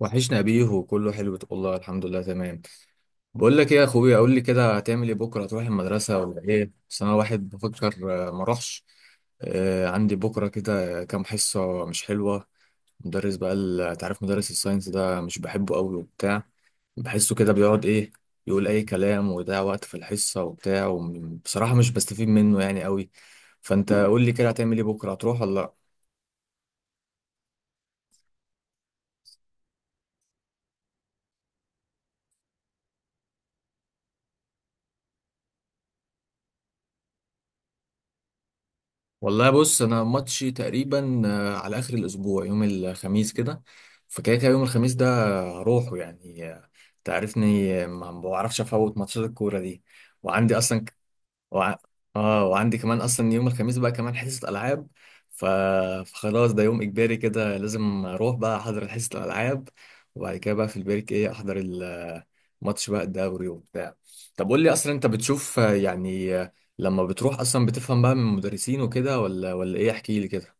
وحشنا بيه وكله حلو، والله الحمد لله تمام. بقول لك ايه يا اخويا، قول لي كده، هتعمل ايه بكره؟ هتروح المدرسه ولا ايه؟ بس انا واحد بفكر. آه، ما اروحش. آه، عندي بكره كده كام حصه مش حلوه. مدرس بقى تعرف مدرس الساينس ده، مش بحبه قوي وبتاع. بحسه كده بيقعد ايه، يقول اي كلام ويضيع وقت في الحصه وبتاع. وبصراحه مش بستفيد منه يعني قوي. فانت قول لي كده، هتعمل ايه بكره؟ هتروح ولا لا؟ والله بص، انا ماتشي تقريبا على اخر الاسبوع، يوم الخميس كده. فكده كده يوم الخميس ده هروحه يعني. تعرفني، ما بعرفش افوت ماتشات الكوره دي. وعندي اصلا وع... اه وعندي كمان اصلا يوم الخميس بقى كمان حصة العاب. ف... فخلاص، ده يوم اجباري كده، لازم اروح بقى احضر حصة الالعاب. وبعد كده بقى في البريك ايه، احضر الماتش بقى، الدوري وبتاع. طب قول لي، اصلا انت بتشوف، يعني، لما بتروح اصلا بتفهم بقى من المدرسين وكده ولا ايه؟ احكي لي كده.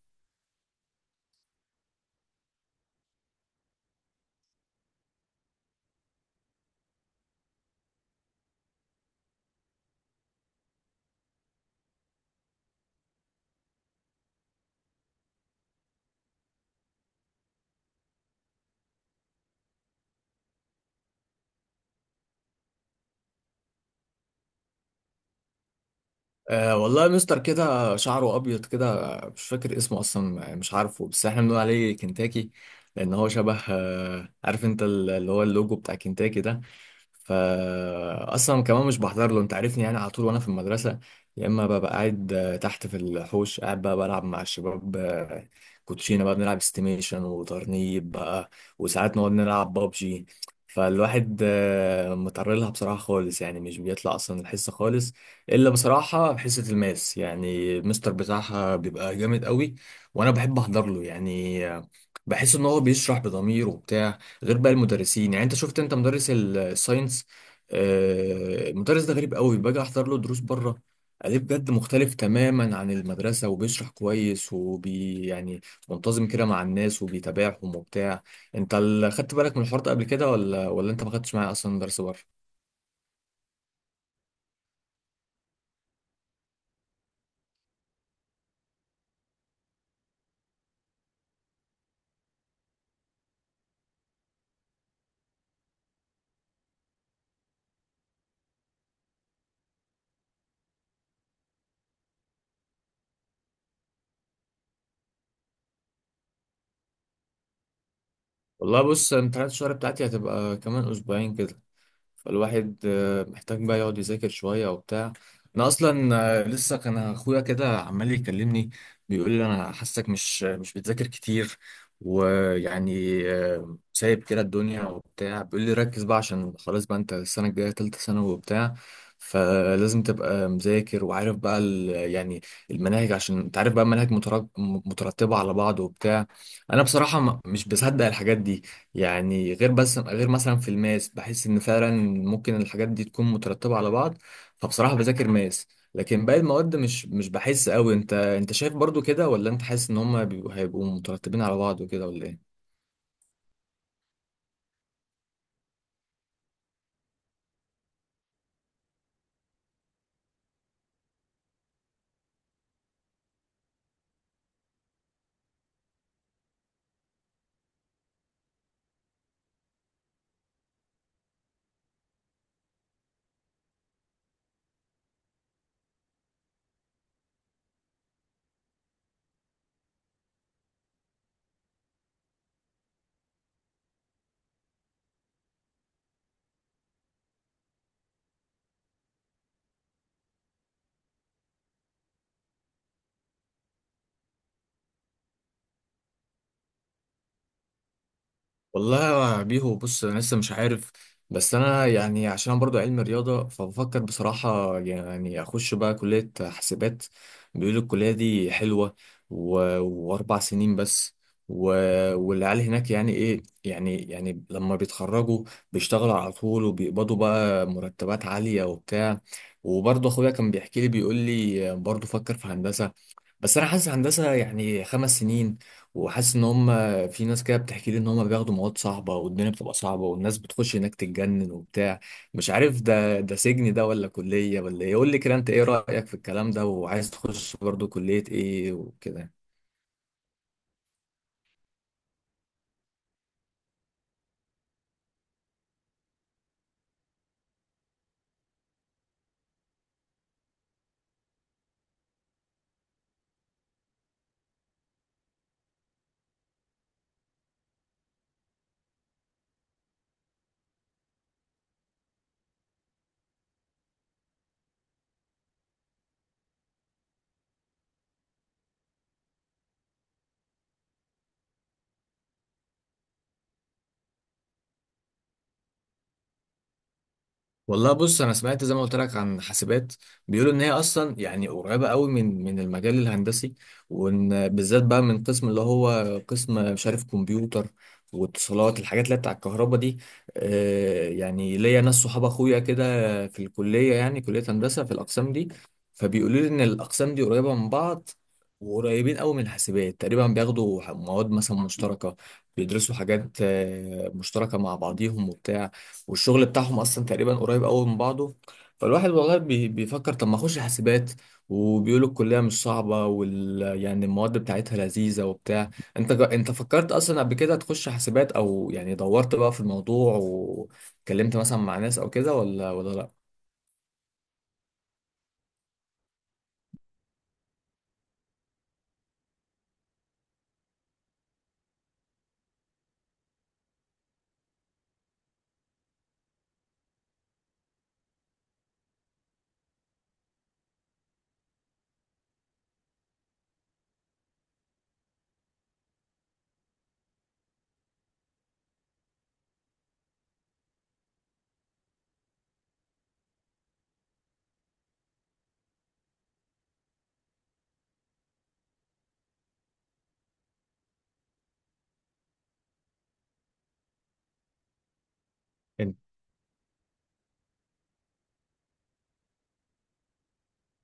أه، والله مستر كده شعره ابيض كده، مش فاكر اسمه اصلا، مش عارفه، بس احنا بنقول عليه كنتاكي. لان هو شبه، عارف انت، اللي هو اللوجو بتاع كنتاكي ده. فاصلا كمان مش بحضر له، انت عارفني يعني، على طول وانا في المدرسه يا اما ببقى قاعد تحت في الحوش، قاعد بقى بلعب مع الشباب. كوتشينه بقى بنلعب استيميشن وترنيب بقى، وساعات نقعد نلعب بابجي. فالواحد متعرض لها بصراحه خالص يعني، مش بيطلع اصلا الحصه خالص، الا بصراحه حصه الماس. يعني المستر بتاعها بيبقى جامد قوي، وانا بحب احضر له يعني. بحس ان هو بيشرح بضمير وبتاع. غير بقى المدرسين يعني، انت شفت انت مدرس الساينس. المدرس ده غريب قوي. باجي احضر له دروس بره عليه، بجد مختلف تماما عن المدرسة، وبيشرح كويس وبي يعني، منتظم كده مع الناس وبيتابعهم وبتاع. انت خدت بالك من الحوار ده قبل كده، ولا انت ما خدتش معايا اصلا درس بره؟ والله بص، امتحانات الشهر بتاعتي هتبقى كمان اسبوعين كده. فالواحد محتاج بقى يقعد يذاكر شوية وبتاع. أنا أصلا، لسه كان أخويا كده عمال يكلمني. بيقول لي أنا حاسك مش بتذاكر كتير، ويعني سايب كده الدنيا وبتاع. بيقول لي ركز بقى، عشان خلاص بقى أنت السنة الجاية تالتة ثانوي وبتاع. فلازم تبقى مذاكر وعارف بقى يعني المناهج، عشان انت عارف بقى المناهج مترتبة على بعض وبتاع. انا بصراحة مش بصدق الحاجات دي، يعني غير بس غير مثلا في الماس، بحس ان فعلا ممكن الحاجات دي تكون مترتبة على بعض. فبصراحة بذاكر ماس، لكن باقي المواد مش بحس قوي. انت شايف برضو كده، ولا انت حاسس ان هم هيبقوا مترتبين على بعض وكده ولا ايه؟ والله يا بيهو بص، انا لسه مش عارف. بس انا يعني عشان انا برضو علم رياضه، فبفكر بصراحه يعني اخش بقى كليه حاسبات. بيقولوا الكليه دي حلوه، و... و4 سنين بس و... والعيال هناك يعني ايه، يعني لما بيتخرجوا بيشتغلوا على طول، وبيقبضوا بقى مرتبات عاليه وبتاع. وبرضه اخويا كان بيحكي لي، بيقول لي برضه فكر في هندسه. بس انا حاسس هندسه يعني 5 سنين، وحاسس ان هم، في ناس كده بتحكي لي ان هم بياخدوا مواد صعبه، والدنيا بتبقى صعبه، والناس بتخش هناك تتجنن وبتاع. مش عارف، ده سجن ده، ولا كليه، ولا ايه؟ قول لي كده، انت ايه رايك في الكلام ده؟ وعايز تخش برضو كليه ايه وكده؟ والله بص، انا سمعت زي ما قلت لك عن حاسبات. بيقولوا ان هي اصلا يعني قريبه قوي من المجال الهندسي. وان بالذات بقى من قسم اللي هو قسم، مش عارف، كمبيوتر واتصالات، الحاجات اللي هي بتاع الكهرباء دي. يعني ليا ناس صحاب اخويا كده في الكليه، يعني كليه هندسه، في الاقسام دي. فبيقولوا لي ان الاقسام دي قريبه من بعض، وقريبين قوي من الحاسبات. تقريبا بياخدوا مواد مثلا مشتركه، بيدرسوا حاجات مشتركه مع بعضيهم وبتاع. والشغل بتاعهم اصلا تقريبا قريب قوي من بعضه. فالواحد والله بيفكر طب ما اخش حاسبات، وبيقولوا الكليه مش صعبه يعني المواد بتاعتها لذيذه وبتاع. انت فكرت اصلا قبل كده تخش حاسبات؟ او يعني دورت بقى في الموضوع وكلمت مثلا مع ناس او كده، ولا لا،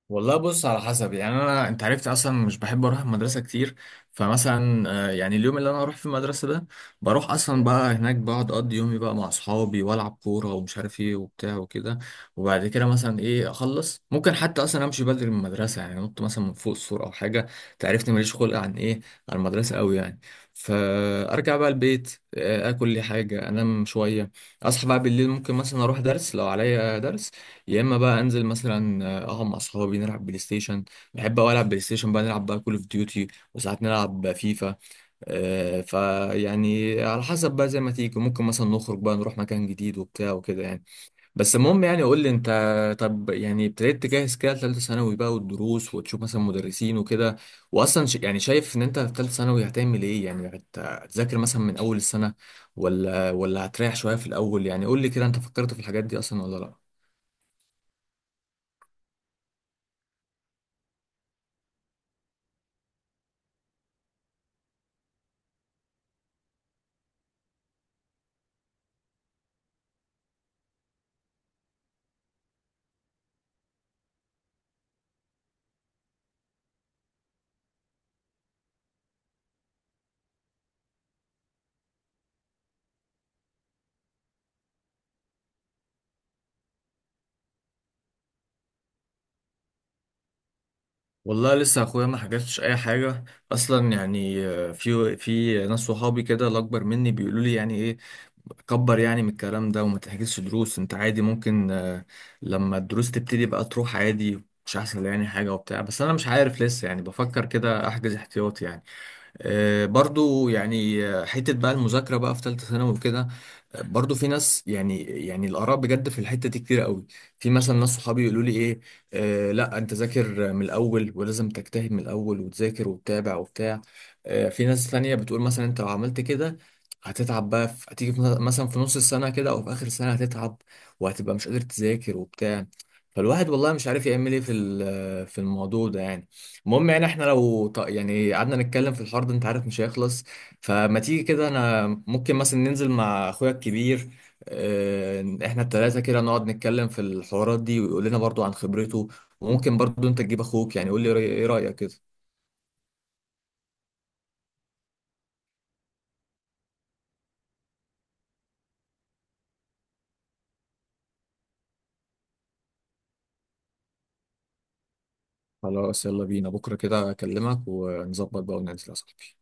والله بص، على حسب. يعني انا، انت عرفت اصلا مش بحب اروح المدرسه كتير. فمثلا يعني اليوم اللي انا اروح في المدرسه ده، بروح اصلا بقى هناك، بقعد اقضي يومي بقى مع اصحابي، والعب كوره ومش عارف ايه وبتاع وكده. وبعد كده مثلا ايه اخلص، ممكن حتى اصلا امشي بدري من المدرسه، يعني انط مثلا من فوق السور او حاجه. تعرفني، ماليش خلق عن المدرسه قوي يعني. فارجع بقى البيت، اكل لي حاجه، انام شويه. اصحى بقى بالليل، ممكن مثلا اروح درس لو عليا درس، يا اما بقى انزل مثلا اقعد مع اصحابي نلعب بلاي ستيشن. بحب اوي العب بلاي ستيشن، بقى نلعب بقى كول اوف ديوتي، وساعات نلعب فيفا. فيعني على حسب بقى زي ما تيجي، ممكن مثلا نخرج بقى نروح مكان جديد وبتاع وكده يعني. بس المهم يعني، قول لي انت، طب يعني ابتديت تجهز كده لثالثه ثانوي بقى، والدروس، وتشوف مثلا مدرسين وكده؟ واصلا يعني شايف ان انت في ثالثه ثانوي هتعمل ايه؟ يعني هتذاكر مثلا من اول السنه، ولا هتريح شويه في الاول؟ يعني قول لي كده، انت فكرت في الحاجات دي اصلا ولا لا؟ والله لسه اخويا ما حكتش اي حاجه. اصلا يعني، في ناس صحابي كده الاكبر مني، بيقولوا لي يعني ايه، كبر يعني من الكلام ده، وما تحكيش دروس، انت عادي، ممكن. لما الدروس تبتدي بقى تروح عادي، مش هيحصل يعني حاجه وبتاع. بس انا مش عارف، لسه يعني بفكر كده احجز احتياطي يعني. برضو يعني، حتة بقى المذاكرة بقى في ثالثة ثانوي وكده. برضو في ناس، يعني الآراء بجد في الحتة دي كتير قوي. في مثلا ناس صحابي يقولوا لي إيه: آه لا، أنت ذاكر من الأول، ولازم تجتهد من الأول وتذاكر وتتابع وبتاع. في ناس ثانية بتقول مثلا أنت لو عملت كده هتتعب بقى، هتيجي مثلا في نص السنة كده، أو في آخر السنة هتتعب، وهتبقى مش قادر تذاكر وبتاع. فالواحد والله مش عارف يعمل إيه في ال- آه، في الموضوع ده يعني. المهم يعني احنا، لو يعني قعدنا نتكلم في الحوار ده، انت عارف مش هيخلص. فما تيجي كده، انا ممكن مثلا ننزل مع اخويا الكبير. اه، احنا التلاتة كده نقعد نتكلم في الحوارات دي، ويقول لنا برضو عن خبرته. وممكن برضو انت تجيب اخوك. يعني قول لي ايه رأيك كده؟ خلاص، يلا بينا بكرة كده اكلمك ونظبط بقى وننزل يا صاحبي.